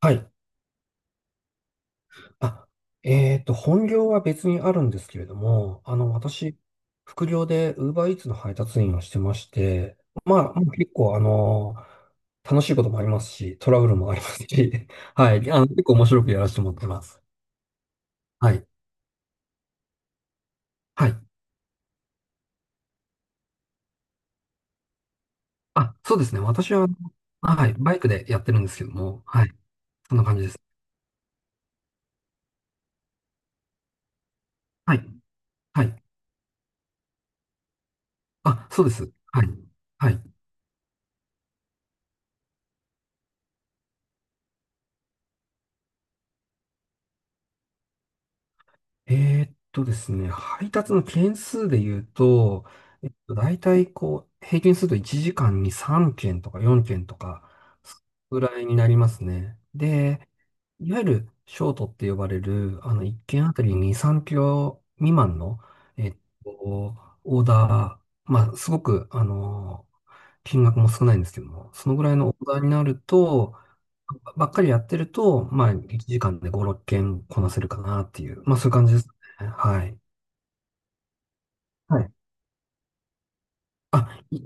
はい。あ、本業は別にあるんですけれども、私、副業で Uber Eats の配達員をしてまして、まあ、もう結構、楽しいこともありますし、トラブルもありますし、はい。結構面白くやらせてもらってます。はい。はい。あ、そうですね。私は、はい。バイクでやってるんですけども、はい。そんな感じです。はい。はい。あ、そうです。はい。はい。ですね、配達の件数で言うと、大体こう、平均すると1時間に3件とか4件とか、そのぐらいになりますね。で、いわゆるショートって呼ばれる、1件あたり2、3キロ未満の、えっと、オーダー、まあ、すごく、金額も少ないんですけども、そのぐらいのオーダーになると、ばっかりやってると、まあ、1時間で5、6件こなせるかなっていう、まあ、そういう感じですね。はい。はい。あ、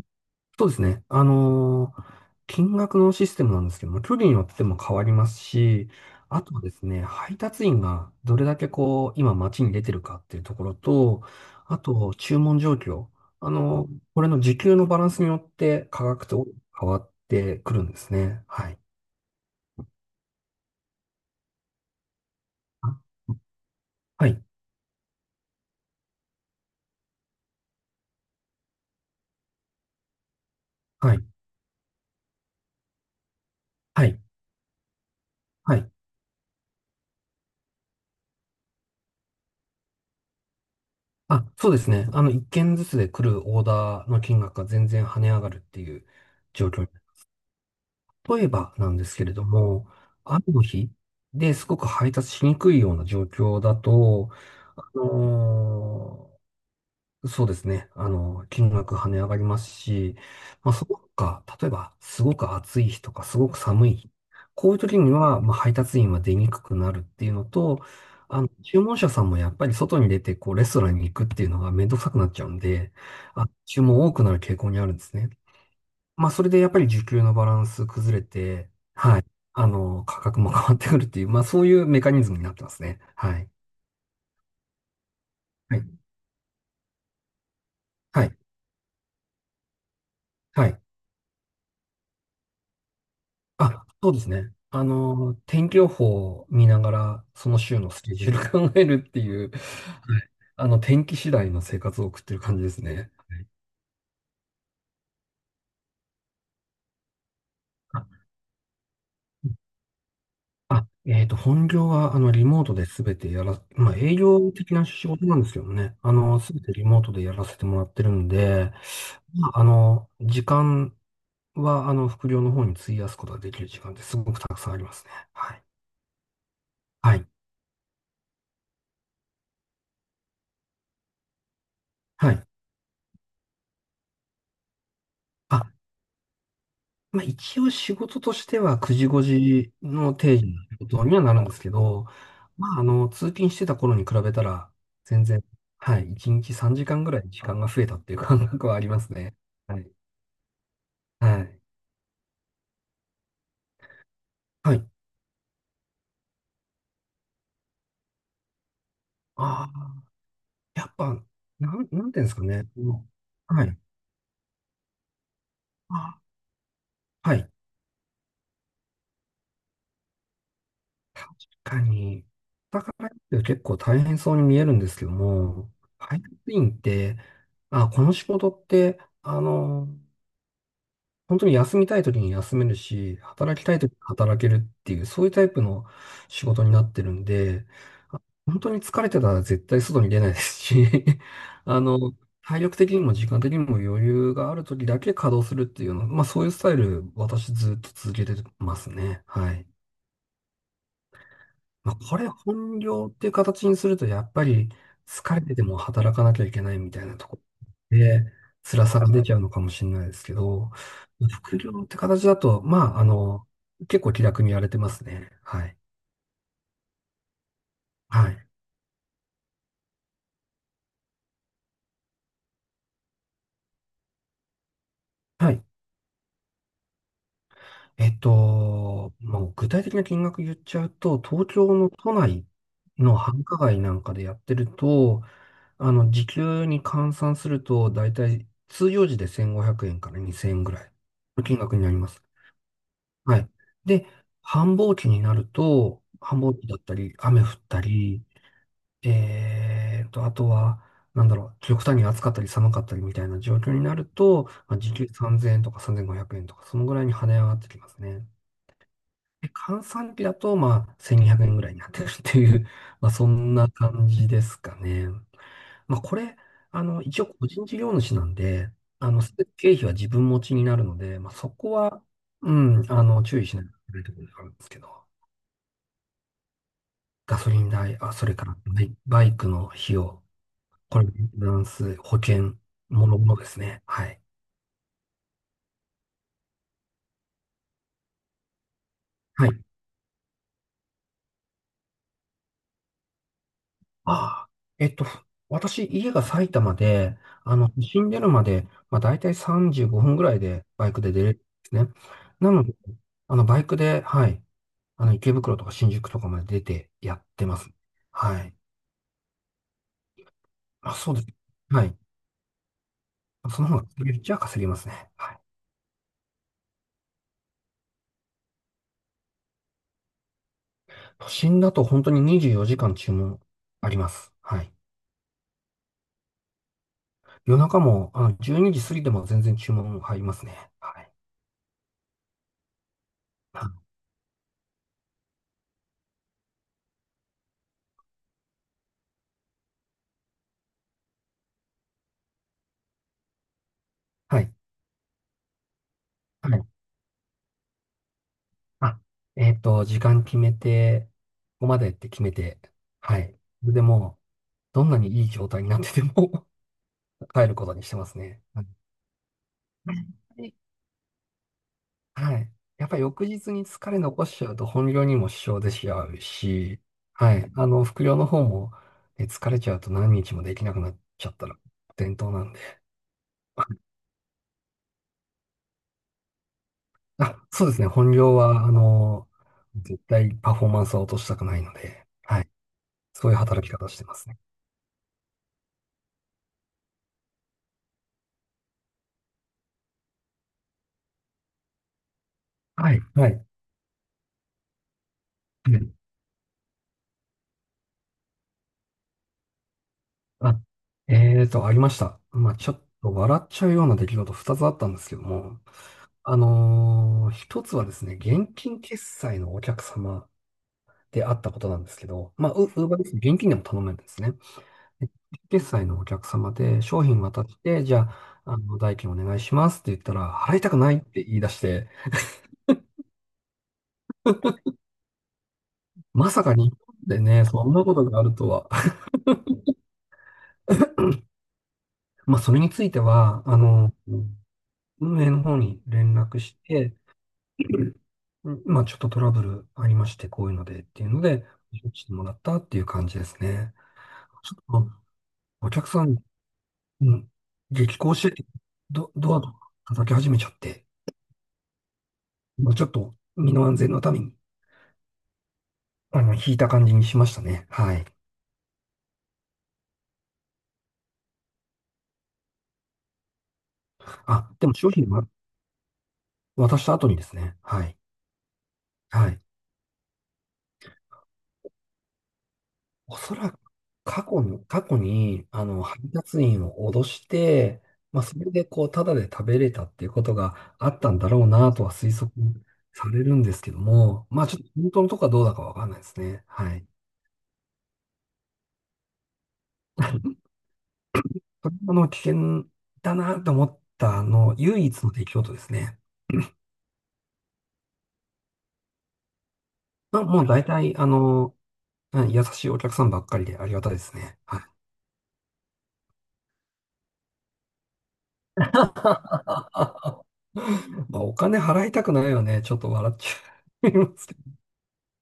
そうですね。金額のシステムなんですけども、距離によっても変わりますし、あとはですね、配達員がどれだけこう、今街に出てるかっていうところと、あと、注文状況。これの時給のバランスによって価格と変わってくるんですね。はい。はい、はい、はい、はい。あ、そうですね。一件ずつで来るオーダーの金額が全然跳ね上がるっていう状況に。例えばなんですけれども、雨の日ですごく配達しにくいような状況だと、あのーそうですね。金額跳ね上がりますし、まあ、そこか、例えば、すごく暑い日とか、すごく寒い日。こういう時には、まあ、配達員は出にくくなるっていうのと、注文者さんもやっぱり外に出て、こう、レストランに行くっていうのがめんどくさくなっちゃうんで、あ、注文多くなる傾向にあるんですね。まあ、それでやっぱり需給のバランス崩れて、はい。価格も変わってくるっていう、まあ、そういうメカニズムになってますね。はい。はい。はい。はい。あ、そうですね。天気予報を見ながら、その週のスケジュール 考えるっていう、はい。天気次第の生活を送ってる感じですね。はい。あ、本業は、リモートで全てやら、まあ、営業的な仕事なんですけどね、全てリモートでやらせてもらってるんで、まあ、時間は、副業の方に費やすことができる時間ってすごくたくさんありますね。はい。はい。はい。あ、まあ、一応仕事としては9時5時の定時の仕事にはなるんですけど、まあ、通勤してた頃に比べたら、全然、はい、1日3時間ぐらい時間が増えたっていう感覚はありますね。はい。はい。はい。ああ、やっぱ、なんていうんですかね。はい。あはい。確かに、だからって結構大変そうに見えるんですけども、配達員って、あ、この仕事って、本当に休みたい時に休めるし、働きたい時に働けるっていう、そういうタイプの仕事になってるんで、あ、本当に疲れてたら絶対外に出ないですし、あの、体力的にも時間的にも余裕がある時だけ稼働するっていうの、まあそういうスタイル、私ずっと続けてますね。はい。まあ、これ本業っていう形にすると、やっぱり疲れてても働かなきゃいけないみたいなところで、辛さが出ちゃうのかもしれないですけど、副業って形だと、まあ、結構気楽にやれてますね。はい。はい。はい。もう具体的な金額言っちゃうと、東京の都内の繁華街なんかでやってると、時給に換算すると、だいたい通用時で1500円から2000円ぐらいの金額になります。はい。で、繁忙期になると、繁忙期だったり、雨降ったり、あとは、なんだろう、極端に暑かったり寒かったりみたいな状況になると、まあ、時給3000円とか3500円とか、そのぐらいに跳ね上がってきますね。で、換算期だと、まあ、1200円ぐらいになってるっていう、まあ、そんな感じですかね。まあ、これ、一応個人事業主なんで、全て経費は自分持ちになるので、まあ、そこは、うん、注意しないといけないところであるんですけど、ガソリン代、あ、それからバイクの費用、これ、メンテナンス、保険、もろもろですね。はい。はい。ああ、えっと、私、家が埼玉で、都心出るまで、まあ、大体35分ぐらいでバイクで出れるんですね。なので、バイクで、はい。池袋とか新宿とかまで出てやってます。はい。まあ、そうです。はい。その方が稼げるっちゃ稼げますね。はい。都心だと本当に24時間注文あります。はい。夜中も、12時過ぎても全然注文入りますね。はい。あ、はい。はい。あ、時間決めて、ここまでって決めて、はい。それでもう、どんなにいい状態になってても 帰ることにしてますね。はい。はい。やっぱり翌日に疲れ残しちゃうと本業にも支障出しちゃうし、はい。副業の方も、ね、疲れちゃうと何日もできなくなっちゃったら、伝統なんで。あ、そうですね。本業は、絶対パフォーマンスは落としたくないので、はい。そういう働き方してますね。はい。はい。うん。あ、ありました。まあ、ちょっと笑っちゃうような出来事2つあったんですけども、一つはですね、現金決済のお客様であったことなんですけど、まあ、ウーバーです。現金でも頼めるんですね。で、決済のお客様で商品渡して、じゃあ、代金お願いしますって言ったら、払いたくないって言い出して、まさか日本でね、そんなことがあるとは。まあ、それについては、運営の方に連絡して、うん、まあ、ちょっとトラブルありまして、こういうのでっていうので、してもらったっていう感じですね。ちょっと、お客さん、うん、激高してて、ドアとか叩き始めちゃって、まあ、ちょっと身の安全のために、引いた感じにしましたね。はい。あ、でも商品は渡した後にですね。はい。はい。おそらく過去に、配達員を脅して、まあ、それでこう、ただで食べれたっていうことがあったんだろうなとは推測されるんですけども、まあ、ちょっと本当のとこはどうだかわかんないですね。はい。それが危険だなと思った唯一の出来事ですね。まあ、もう大体、うん、優しいお客さんばっかりでありがたいですね。はい。まあ、お金払いたくないよね。ちょっと笑っちゃいますけど。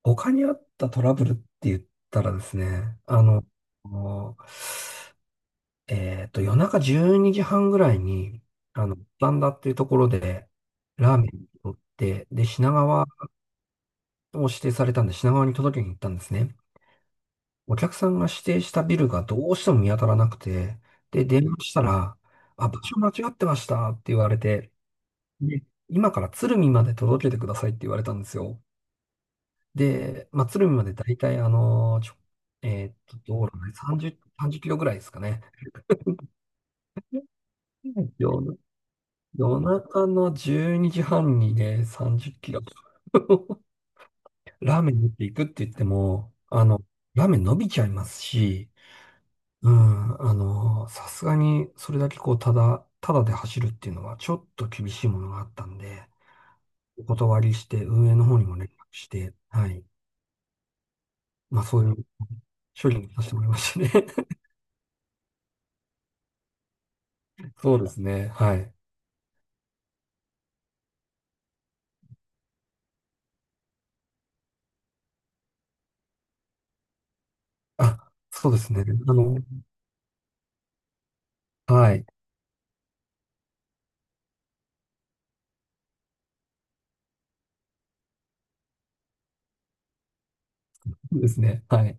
他にあったトラブルって言ったらですね、もう夜中12時半ぐらいに、バンダっていうところで、ラーメンを取って、で、品川を指定されたんで、品川に届けに行ったんですね。お客さんが指定したビルがどうしても見当たらなくて、で、電話したら、あ、場所間違ってましたって言われて、で、今から鶴見まで届けてくださいって言われたんですよ。で、まあ、鶴見までだいたいあのーちょ、えーっと、どうだろうね、30キロぐらいですかね。うん。夜中の12時半にじはんにね、30キロ。ラーメン持っていくって言っても、ラーメン伸びちゃいますし、うん、さすがにそれだけこう、ただで走るっていうのはちょっと厳しいものがあったんで、お断りして運営の方にも連絡して、はい。まあそういう処理にさせてもらいましたね。そうですね。はい。あ、そうですね。はい。そうですね。はい。